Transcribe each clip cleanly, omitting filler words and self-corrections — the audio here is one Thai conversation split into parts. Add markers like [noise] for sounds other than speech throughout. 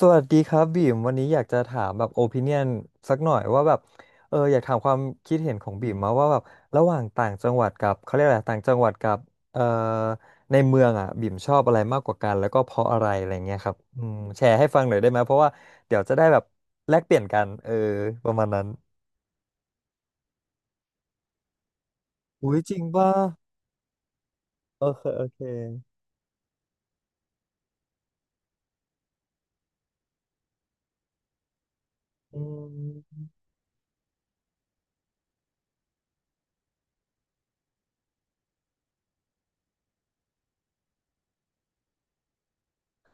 สวัสดีครับบีมวันนี้อยากจะถามแบบโอปิเนียนสักหน่อยว่าแบบอยากถามความคิดเห็นของบีมมาว่าแบบระหว่างต่างจังหวัดกับเขาเรียกอะไรต่างจังหวัดกับเอ่อในเมืองอ่ะบีมชอบอะไรมากกว่ากันแล้วก็เพราะอะไรอะไรเงี้ยครับอืมแชร์ให้ฟังหน่อยได้ไหมเพราะว่าเดี๋ยวจะได้แบบแลกเปลี่ยนกันประมาณนั้นอุ้ยจริงป่ะโอเคโอเคอืม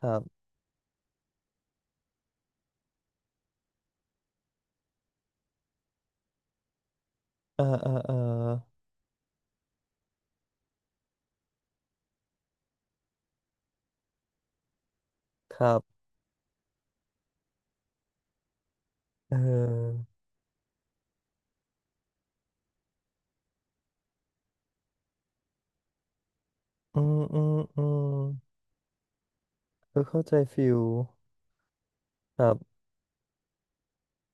ครับเออเออเออครับเอออืมอืมอืมเออเข้าใจฟิลครับ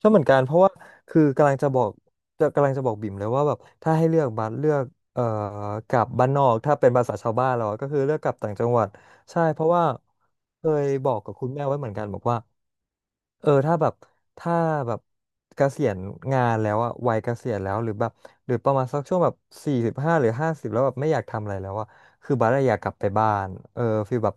ชอบเหมือนกันเพราะว่าคือกำลังจะบอกกำลังจะบอกบิ่มเลยว่าแบบถ้าให้เลือกบัสเลือกเอ่อกลับบ้านนอกถ้าเป็นภาษาชาวบ้านเราอะก็คือเลือกกลับต่างจังหวัดใช่เพราะว่าเคยบอกกับคุณแม่ไว้เหมือนกันบอกว่า ถ้าแบบถ้าแบบเกษียณงานแล้วอะวัยเกษียณแล้วหรือแบบหรือประมาณสักช่วงแบบ45หรือ50แล้วแบบไม่อยากทำอะไรแล้วอะคือบัสอะอยากกลับไปบ้านเออฟีลแบบ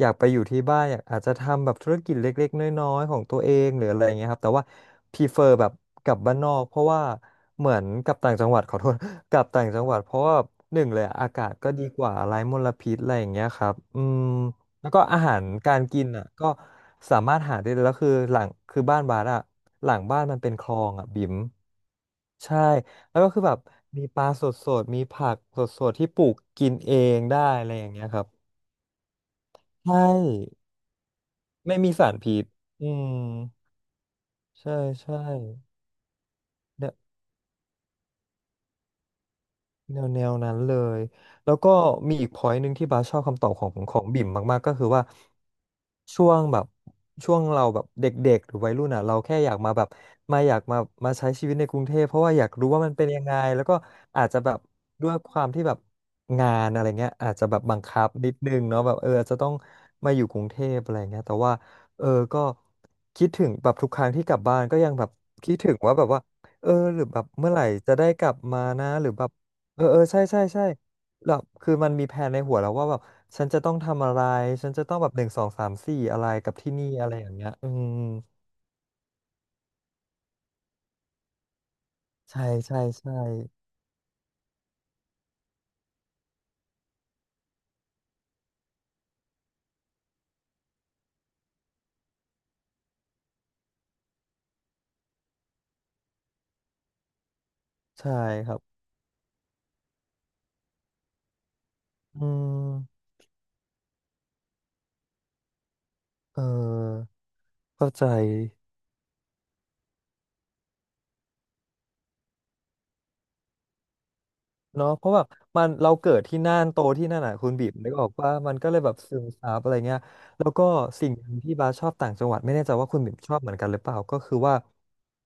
อยากไปอยู่ที่บ้านอยากอาจจะทำแบบธุรกิจเล็กๆน้อยๆของตัวเองหรืออะไรอย่างเงี้ยครับแต่ว่าพีเฟอร์แบบกลับบ้านนอกเพราะว่าเหมือนกลับต่างจังหวัด [laughs] ขอโทษ [laughs] กลับต่างจังหวัดเพราะว่าหนึ่งเลยอะอากาศก็ดีกว่าไร้มลพิษอะไรอย่างเงี้ยครับอืม แล้วก็อาหารการกินอ่ะก็สามารถหาได้เลยแล้วคือหลังคือบ้านบาสอ่ะหลังบ้านมันเป็นคลองอ่ะบิ่มใช่แล้วก็คือแบบมีปลาสดๆมีผักสดๆที่ปลูกกินเองได้อะไรอย่างเงี้ยครับใช่ไม่มีสารพิษอืมใช่ใช่ แนวแนวนั้นเลย แล้วก็มีอีก point หนึ่งที่บาสชอบคำตอบของของบิ่มมากๆก็คือว่าช่วงแบบช่วงเราแบบเด็กๆหรือวัยรุ่นอ่ะเราแค่อยากมาแบบอยากมามาใช้ชีวิตในกรุงเทพเพราะว่าอยากรู้ว่ามันเป็นยังไงแล้วก็อาจจะแบบด้วยความที่แบบงานอะไรเงี้ยอาจจะแบบบังคับนิดนึงเนาะแบบอาจจะต้องมาอยู่กรุงเทพอะไรเงี้ยแต่ว่าเออก็คิดถึงแบบทุกครั้งที่กลับบ้านก็ยังแบบคิดถึงว่าแบบว่าหรือแบบเมื่อไหร่จะได้กลับมานะหรือแบบ เออเออใช่ใช่ใช่แบบคือมันมีแผนในหัวแล้วว่าแบบฉันจะต้องทำอะไรฉันจะต้องแบบหนึ่งสองสามสี่อะไรกับที่นี่อะไรอย่างเงี้ยอืมใช่ใช่ใช่ใช่ครับอืมเออเข้าใจ เนาะเพราะแบบมันเราเกิดที่น่านโตที่นั่นอ่ะคุณบีมนึกออกว่ามันก็เลยแบบซึมซับอะไรเงี้ยแล้วก็สิ่งหนึ่งที่บาสชอบต่างจังหวัดไม่แน่ใจว่าคุณบีมชอบเหมือนกันหรือเปล่าก็คือว่า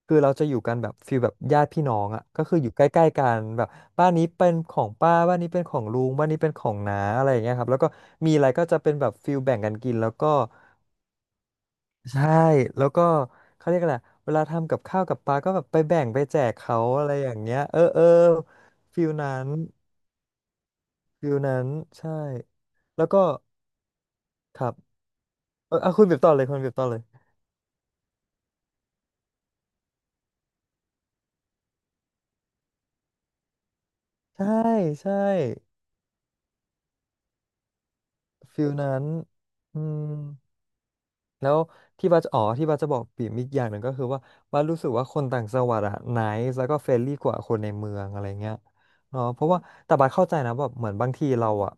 คือเราจะอยู่กันแบบฟีลแบบญาติพี่น้องอ่ะก็คืออยู่ใกล้ๆกันแบบบ้านนี้เป็นของป้าบ้านนี้เป็นของลุงบ้านนี้เป็นของน้าอะไรอย่างเงี้ยครับแล้วก็มีอะไรก็จะเป็นแบบฟีลแบ่งกันกินแล้วก็ใช่แล้วก็เขาเรียกอะไรเวลาทำกับข้าวกับปลาก็แบบไปแบ่งไปแจกเขาอะไรอย่างเงี้ยเออเออฟีลนั้น ฟิลนั้นใช่แล้วก็ครับอ่ะคุณเบบต่อเลยคุณเบบต่อเลยใช่ใช่ฟิลนั้นอืม แล้วที่บัสอ๋อที่บัสจะบอกปิ่มอีกอย่างหนึ่งก็คือว่าบัสรู้สึกว่าคนต่างจังหวัดอะไนซ์แล้วก็เฟรนลี่กว่าคนในเมืองอะไรเงี้ยเนาะเพราะว่าแต่บัสเข้าใจนะแบบเหมือนบางทีเราอะ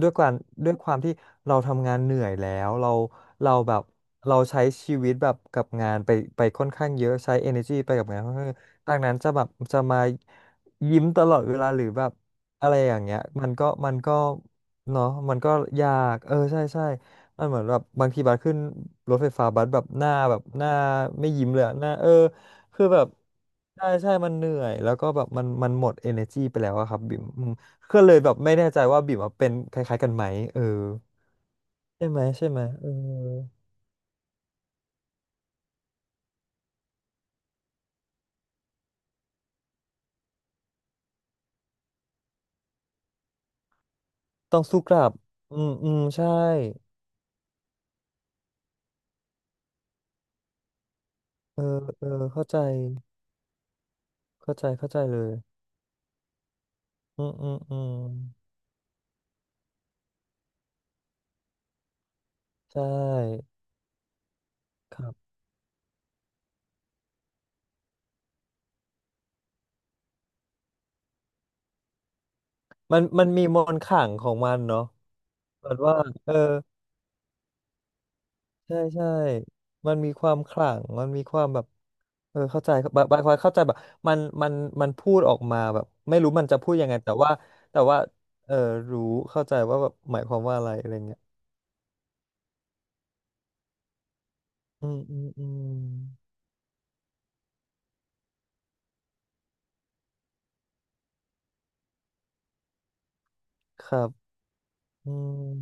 ด้วยการด้วยความที่เราทำงานเหนื่อยแล้วเราเราแบบเราใช้ชีวิตแบบกับงานไปค่อนข้างเยอะใช้ energy ไปกับงานค่อนข้างเยอะดังนั้นจะแบบจะมายิ้มตลอดเวลาหรือแบบอะไรอย่างเงี้ยมันก็เนาะมันก็ยากใช่ใช่ มันเหมือนแบบบางทีบัสขึ้นรถไฟฟ้าบัสแบบหน้าแบบหน้าไม่ยิ้มเลยอะหน้าคือแบบใช่ใช่มันเหนื่อยแล้วก็แบบมันหมด energy ไปแล้วอะครับบิ่มอืมก็เลยแบบไม่แน่ใจว่าบิ่มอะเป็นคล้ายๆกันไหมเออใช่ไหมใช่ไหมเออต้องสู้กลับอืมอืมใช่เออเออเข้าใจเข้าใจเข้าใจเลยอืมอืมอืมใช่ครับมันมีมนต์ขลังของมันเนาะแบบว่าเออ ใช่ใช่มันมีความขลังมันมีความแบบเออเข้าใจบางคนเข้าใจแบบมันมันมันพูดออกมาแบบไม่รู้มันจะพูดยังไงแต่ว่าแต่ว่าเออรู้เข้าใจว่าแบบหมายความว่าอะไรอะไรเงี้ยอืมอืมอืมครับอืม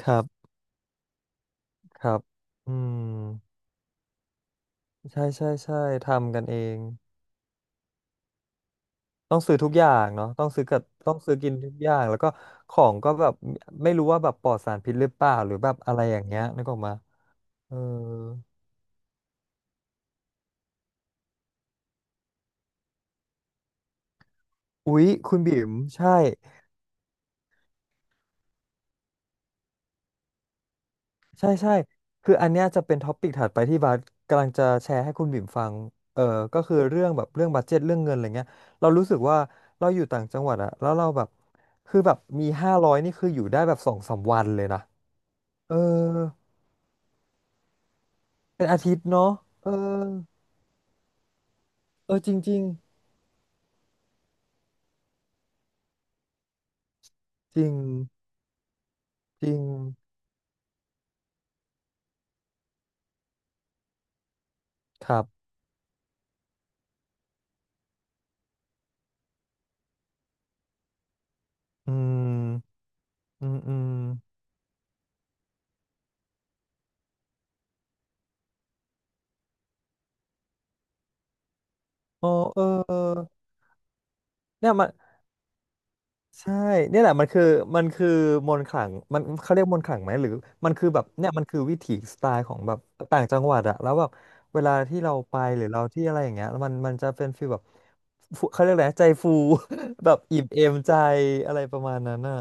ครับ ครับอืมใช่ใช่ใช่ทำกันเอง ต้องซื้อทุกอย่างเนาะต้องซื้อกับต้องซื้อกินทุกอย่างแล้วก็ของก็แบบไม่รู้ว่าแบบปลอดสารพิษหรือเปล่าหรือแบบอะไรอย่างเงี้ยนึกออกมาเออ อุ๊ยคุณบิ๋มใช่ใช่ใช่คืออันเนี้ยจะเป็นท็อปิกถัดไปที่บาสกำลังจะแชร์ให้คุณบิ๋มฟังเออ ก็คือเรื่องแบบเรื่องบัดเจ็ตเรื่องเงินอะไรเงี้ยเรารู้สึกว่าเราอยู่ต่างจังหวัดอะแล้วเราแบบคือแบบมีห้าร้อยนี่คืออยู่ได้แบบสองสามวันเลยนะเออเป็นอาทิตย์เนาะเออเออจริงจริงจริงจริงครับอืมอืมอืมอ๋อเออเนี่ยมัน ใช่เนี่ยแหละมันคือมันคือมนต์ขลังมันเขาเรียกมนต์ขลังไหมหรือมันคือแบบเนี่ยมันคือวิถีสไตล์ของแบบต่างจังหวัดอะแล้วแบบเวลาที่เราไปหรือเราที่อะไรอย่างเงี้ยมันจะเป็นฟีลแบบฟูเขาเรียกอะไรนะใจฟู [laughs] แบบอิ่มเอมใจอะไรประมาณนั้นอะ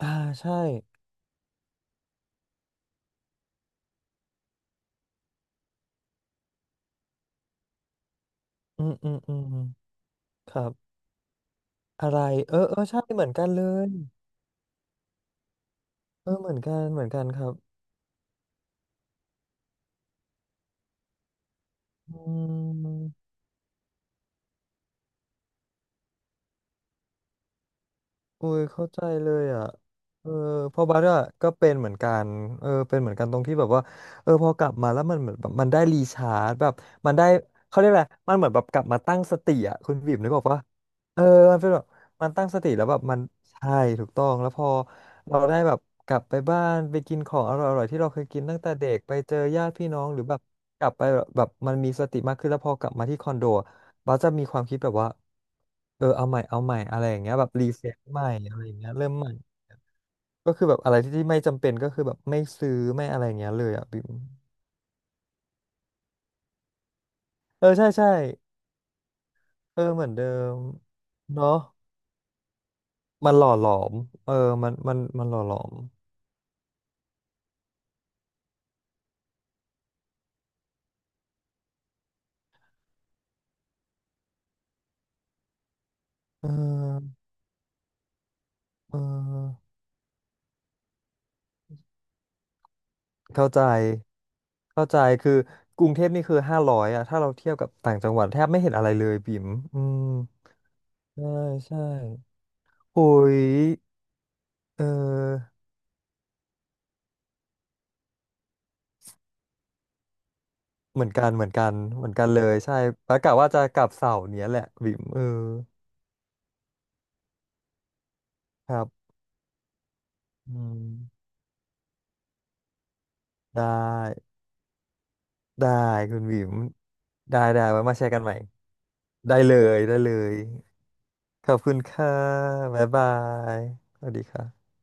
อ่าใช่อืมอืมอืมครับอะไรเออเออใช่เหมือนกันเลยเออเหมือนกันเหมือนกันครับอืม โอ้ยเข้าใจเลยอ่ะเออเพอบาร์อะก็เป็นเหมือนกันเออเป็นเหมือนกันตรงที่แบบว่าเออพอกลับมาแล้วมันเหมือนแบบมันได้รีชาร์จแบบมันได้เขาเรียกอะไรมันเหมือนแบบกลับมาตั้งสติอ่ะคุณบีมนึกออกปะเออมันเป็นแบบมันตั้งสติแล้วแบบมันใช่ถูกต้องแล้วพอเราได้แบบกลับไปบ้านไปกินของอร่อยๆที่เราเคยกินตั้งแต่เด็กไปเจอญาติพี่น้องหรือแบบกลับไปแบบแบบมันมีสติมากขึ้นแล้วพอกลับมาที่คอนโด บัสจะมีความคิดแบบว่าเออเอาใหม่เอาใหม่อะไรอย่างเงี้ยแบบรีเซ็ตใหม่อะไรอย่างเงี้ยเริ่มใหม่ก็คือแบบอะไรที่ไม่จำเป็นก็คือแบบไม่ซื้อไม่อะไรอย่างเงี้ยเลยอ่ะบิมเออใช่ใช่เออเหมือนเดิมเนาะมันหล่อหลอมเออมันหล่อหลอมเออเออเข้าใจเข้าใจคือกรุงเทพนี่คือห้าร้อยอะถ้าเราเทียบกับต่างจังหวัดแทบไม่เห็นอะไรเลยบิ๋มอืมใช่ใช่โอ้ยเออ เหมือนกัน เหมือนกัน เหมือนกันเลยใช่แล้วกะว่าจะกลับเสาร์เนี้ยแหละบิ๋มเออครับอืมได้ได้คุณบิ๋มได้ได้ไว้มาแชร์กันใหม่ได้เลยได้เลยขอบคุณค่ะบ๊ายบายสวัสดีค่ะ